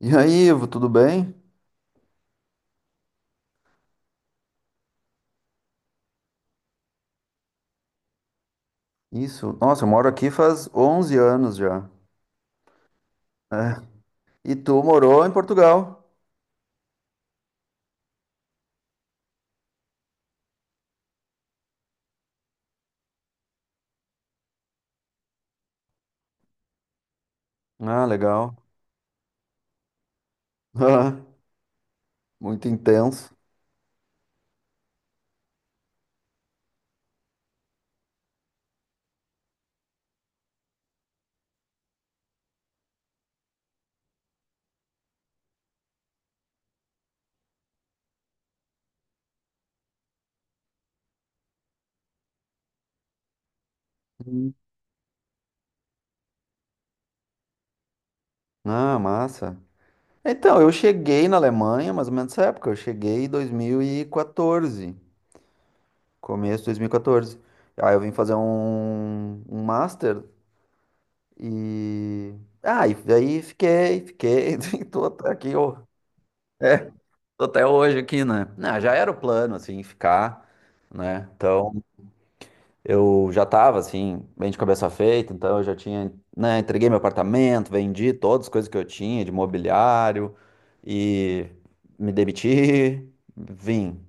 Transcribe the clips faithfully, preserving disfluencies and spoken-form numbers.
E aí, Ivo, tudo bem? Isso. Nossa, eu moro aqui faz onze anos já. É. E tu morou em Portugal? Ah, legal. Ah, muito intenso. Hum. Ah, massa. Então, eu cheguei na Alemanha, mais ou menos nessa época. Eu cheguei em dois mil e quatorze, começo de dois mil e quatorze. Aí eu vim fazer um, um master e... Ah, e daí fiquei, fiquei, tô até aqui, ó. Tô até hoje aqui, né? Não, já era o plano, assim, ficar, né? Então, eu já tava, assim, bem de cabeça feita, então eu já tinha, né, entreguei meu apartamento, vendi todas as coisas que eu tinha de mobiliário e me demiti, vim.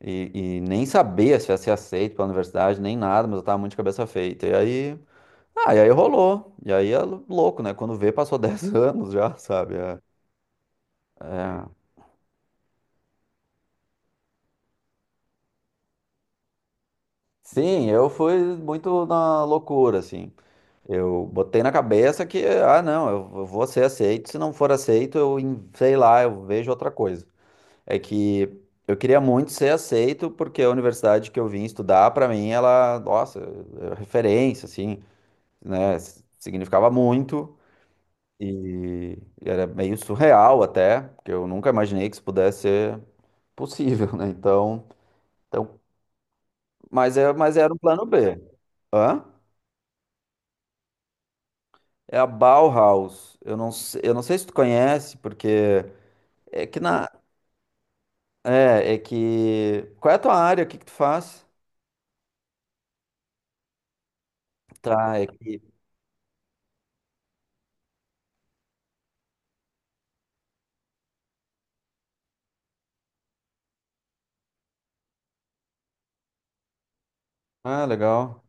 E, e nem sabia se ia ser aceito pela universidade, nem nada, mas eu tava muito de cabeça feita. E aí, ah, e aí rolou. E aí é louco, né? Quando vê, passou dez anos já, sabe? É. É. Sim, eu fui muito na loucura, assim. Eu botei na cabeça que, ah, não, eu eu vou ser aceito. Se não for aceito, eu, em- sei lá, eu vejo outra coisa. É que eu queria muito ser aceito, porque a universidade que eu vim estudar, pra mim, ela, nossa, é referência, assim, né? s- Significava muito e era meio surreal até, porque eu nunca imaginei que isso pudesse ser possível, né? Então, então, mas, é, mas era um plano B. Hã? É a Bauhaus. Eu não, se- eu não sei se tu conhece, porque. É que na. É, é que. Qual é a tua área? O que que tu faz? Tá, é que. Ah, legal.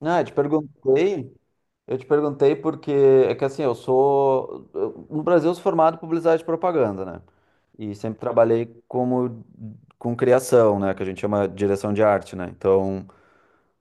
Ah, eu te perguntei. Eu te perguntei porque é que assim, eu sou. eu- no Brasil, eu sou formado em publicidade e propaganda, né? E sempre trabalhei como com criação, né? Que a gente chama de direção de arte, né? Então.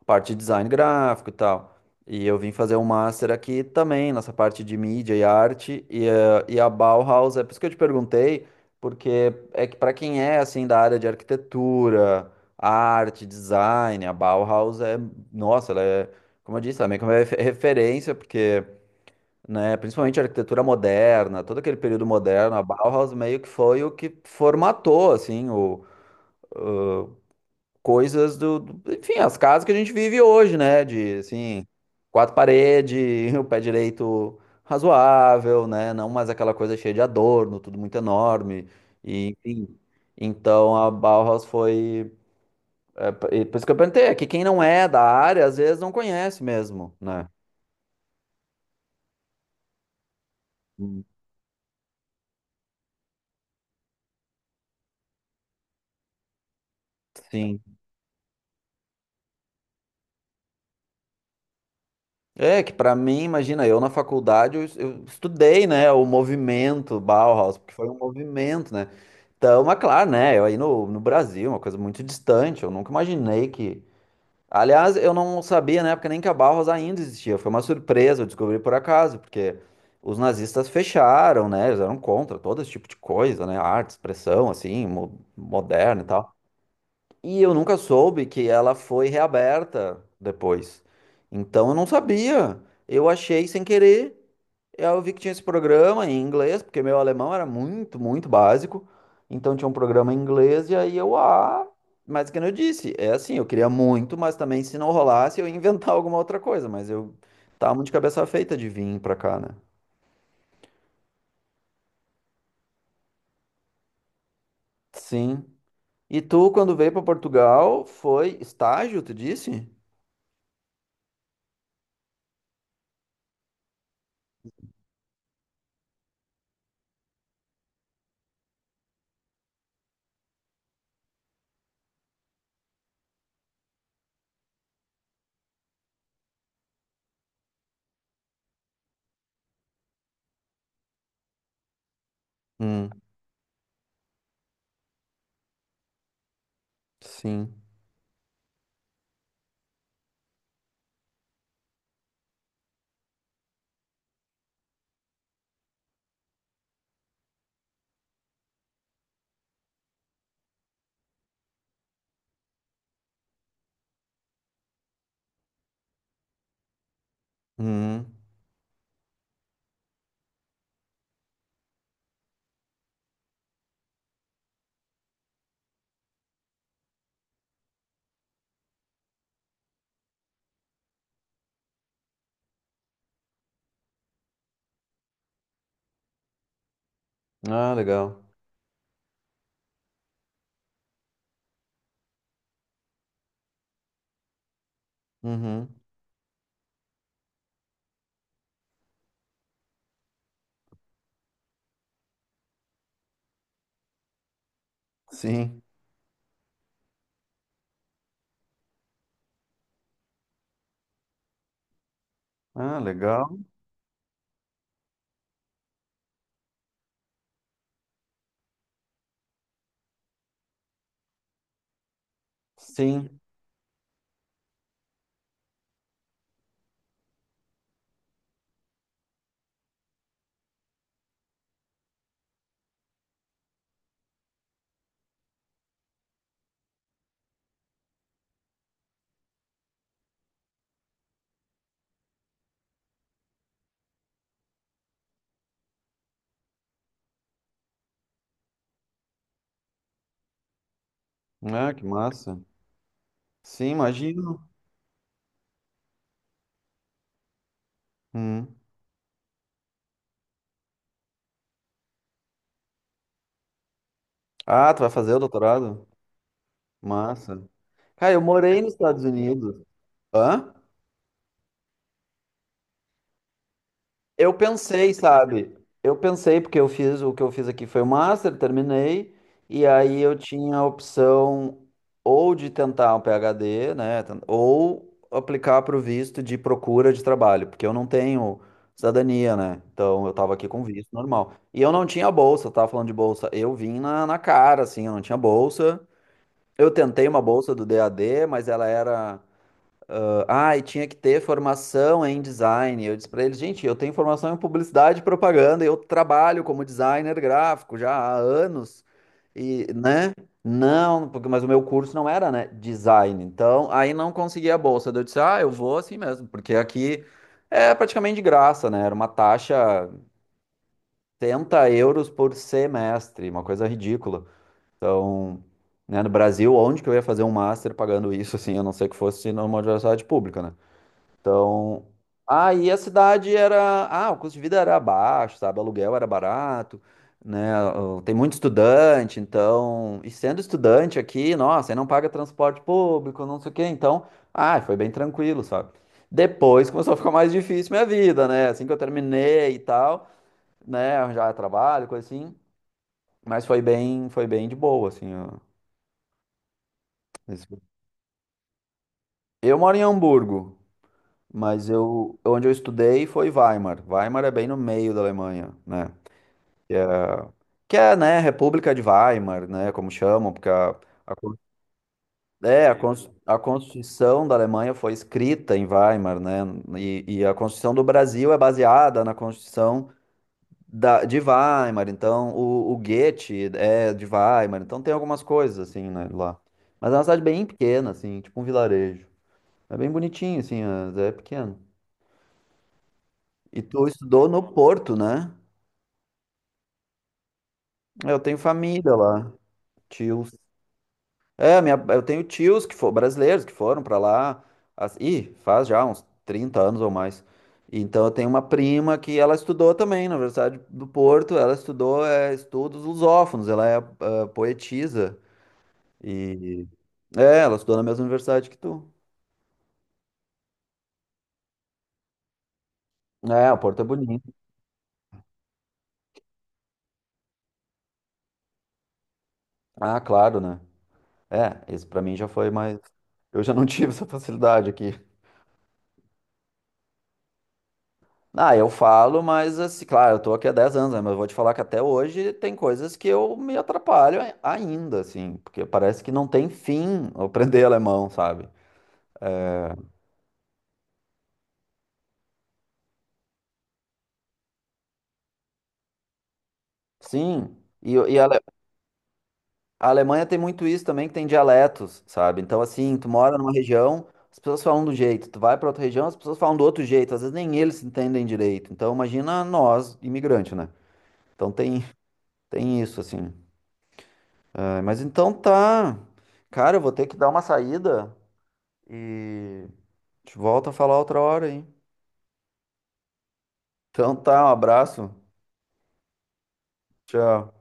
Parte de design gráfico e tal. E eu vim fazer um master aqui também, nessa parte de mídia e arte, e, eh, e a Bauhaus, é por isso que eu te perguntei, porque é que para quem é assim da área de arquitetura, arte, design, a Bauhaus é, nossa, ela é, como eu disse, ela é meio que uma refe- referência, porque, né, principalmente a arquitetura moderna, todo aquele período moderno, a Bauhaus meio que foi o que formatou, assim, o, coisas do, do- enfim, as casas que a gente vive hoje, né? De, assim, quatro paredes, o pé direito razoável, né? Não mais aquela coisa cheia de adorno, tudo muito enorme, e, enfim. Então a Bauhaus foi. É, p- e por isso que eu perguntei, é que quem não é da área às vezes não conhece mesmo, né? Hum. Sim. É que pra mim, imagina, eu na faculdade eu, eu estudei, né, o movimento Bauhaus, porque foi um movimento, né? Então, mas claro, né, eu aí no, no Brasil, uma coisa muito distante, eu nunca imaginei que. Aliás, eu não sabia na época nem que a Bauhaus ainda existia, foi uma surpresa, eu descobri por acaso, porque os nazistas fecharam, né, eles eram contra todo esse tipo de coisa, né, arte, expressão, assim, mo moderna e tal. E eu nunca soube que ela foi reaberta depois. Então eu não sabia. Eu achei sem querer. Eu vi que tinha esse programa em inglês, porque meu alemão era muito, muito básico. Então tinha um programa em inglês, e aí eu, ah, mas que nem eu disse, é assim, eu queria muito, mas também se não rolasse, eu ia inventar alguma outra coisa. Mas eu tava muito de cabeça feita de vir pra cá, né? Sim. E tu, quando veio pra Portugal, foi estágio, tu disse? Hum, sim. Hum. Ah, legal. Uhum. Sim. Ah, legal. Sim. Ah, que massa. Sim, imagino. Hum. Ah, tu vai fazer o doutorado? Massa. Cara, eu morei nos Estados Unidos. Hã? Eu pensei, sabe? Eu pensei, porque eu fiz o que eu fiz aqui foi o master, terminei, e aí eu tinha a opção ou de tentar um PhD, né? ten- Ou aplicar para o visto de procura de trabalho, porque eu não tenho cidadania, né? Então eu tava aqui com visto normal. E eu não tinha bolsa, eu tava falando de bolsa. Eu vim na, na cara, assim, eu não tinha bolsa. Eu tentei uma bolsa do D A D, mas ela era. Ah, e tinha que ter formação em design. Eu disse para eles, gente, eu tenho formação em publicidade e propaganda, eu trabalho como designer gráfico já há anos. E, né? Não, porque mas o meu curso não era, né, design. Então, aí não conseguia a bolsa. Daí eu disse: "Ah, eu vou assim mesmo", porque aqui é praticamente de graça, né? Era uma taxa setenta euros por semestre, uma coisa ridícula. Então, né, no Brasil, onde que eu ia fazer um master pagando isso assim, a não ser que fosse numa universidade pública, né? Então, aí a cidade era, ah, o custo de vida era baixo, sabe? O aluguel era barato, né? o- Tem muito estudante, então, e sendo estudante aqui, nossa, aí não paga transporte público, não sei o quê, então, ah, foi bem tranquilo, sabe? Depois começou a ficar mais difícil minha vida, né? Assim que eu terminei e tal, né, arranjar trabalho, coisa assim, mas foi bem, foi bem de boa, assim, ó. Isso. Eu moro em Hamburgo. Mas eu, onde eu estudei foi Weimar. Weimar é bem no meio da Alemanha, né? Que é, né, República de Weimar, né, como chamam, porque a, a, con- é, a, cons- a Constituição da Alemanha foi escrita em Weimar, né? E, e a Constituição do Brasil é baseada na Constituição da, de Weimar, então o, o Goethe é de Weimar, então tem algumas coisas, assim, né, lá. Mas é uma cidade bem pequena, assim, tipo um vilarejo. É bem bonitinho, assim, é é pequeno. E tu estudou no Porto, né? Eu tenho família lá, tios. É, minha, eu tenho tios que foram brasileiros que foram pra lá. as- Ih, faz já uns trinta anos ou mais. Então eu tenho uma prima que ela estudou também na Universidade do Porto. Ela estudou é, estudos lusófonos. Ela é ah, poetisa e é, ela estudou na mesma universidade que tu. É, o Porto é bonito. Ah, claro, né? É, isso pra mim já foi mais. Eu já não tive essa facilidade aqui. Ah, eu falo, mas assim, claro, eu tô aqui há dez anos, né? Mas eu vou te falar que até hoje tem coisas que eu me atrapalho ai- ainda, assim, porque parece que não tem fim eu aprender alemão, sabe? Sim, e, e a Ale- a Alemanha tem muito isso também, que tem dialetos, sabe? Então, assim, tu mora numa região, as pessoas falam de um jeito, tu vai pra outra região, as pessoas falam do outro jeito, às vezes nem eles se entendem direito. Então, imagina nós, imigrante, né? Então tem, tem isso, assim. Ah, mas então tá. Cara, eu vou ter que dar uma saída. E a gente volta a falar outra hora, hein? Então tá, um abraço. Tchau.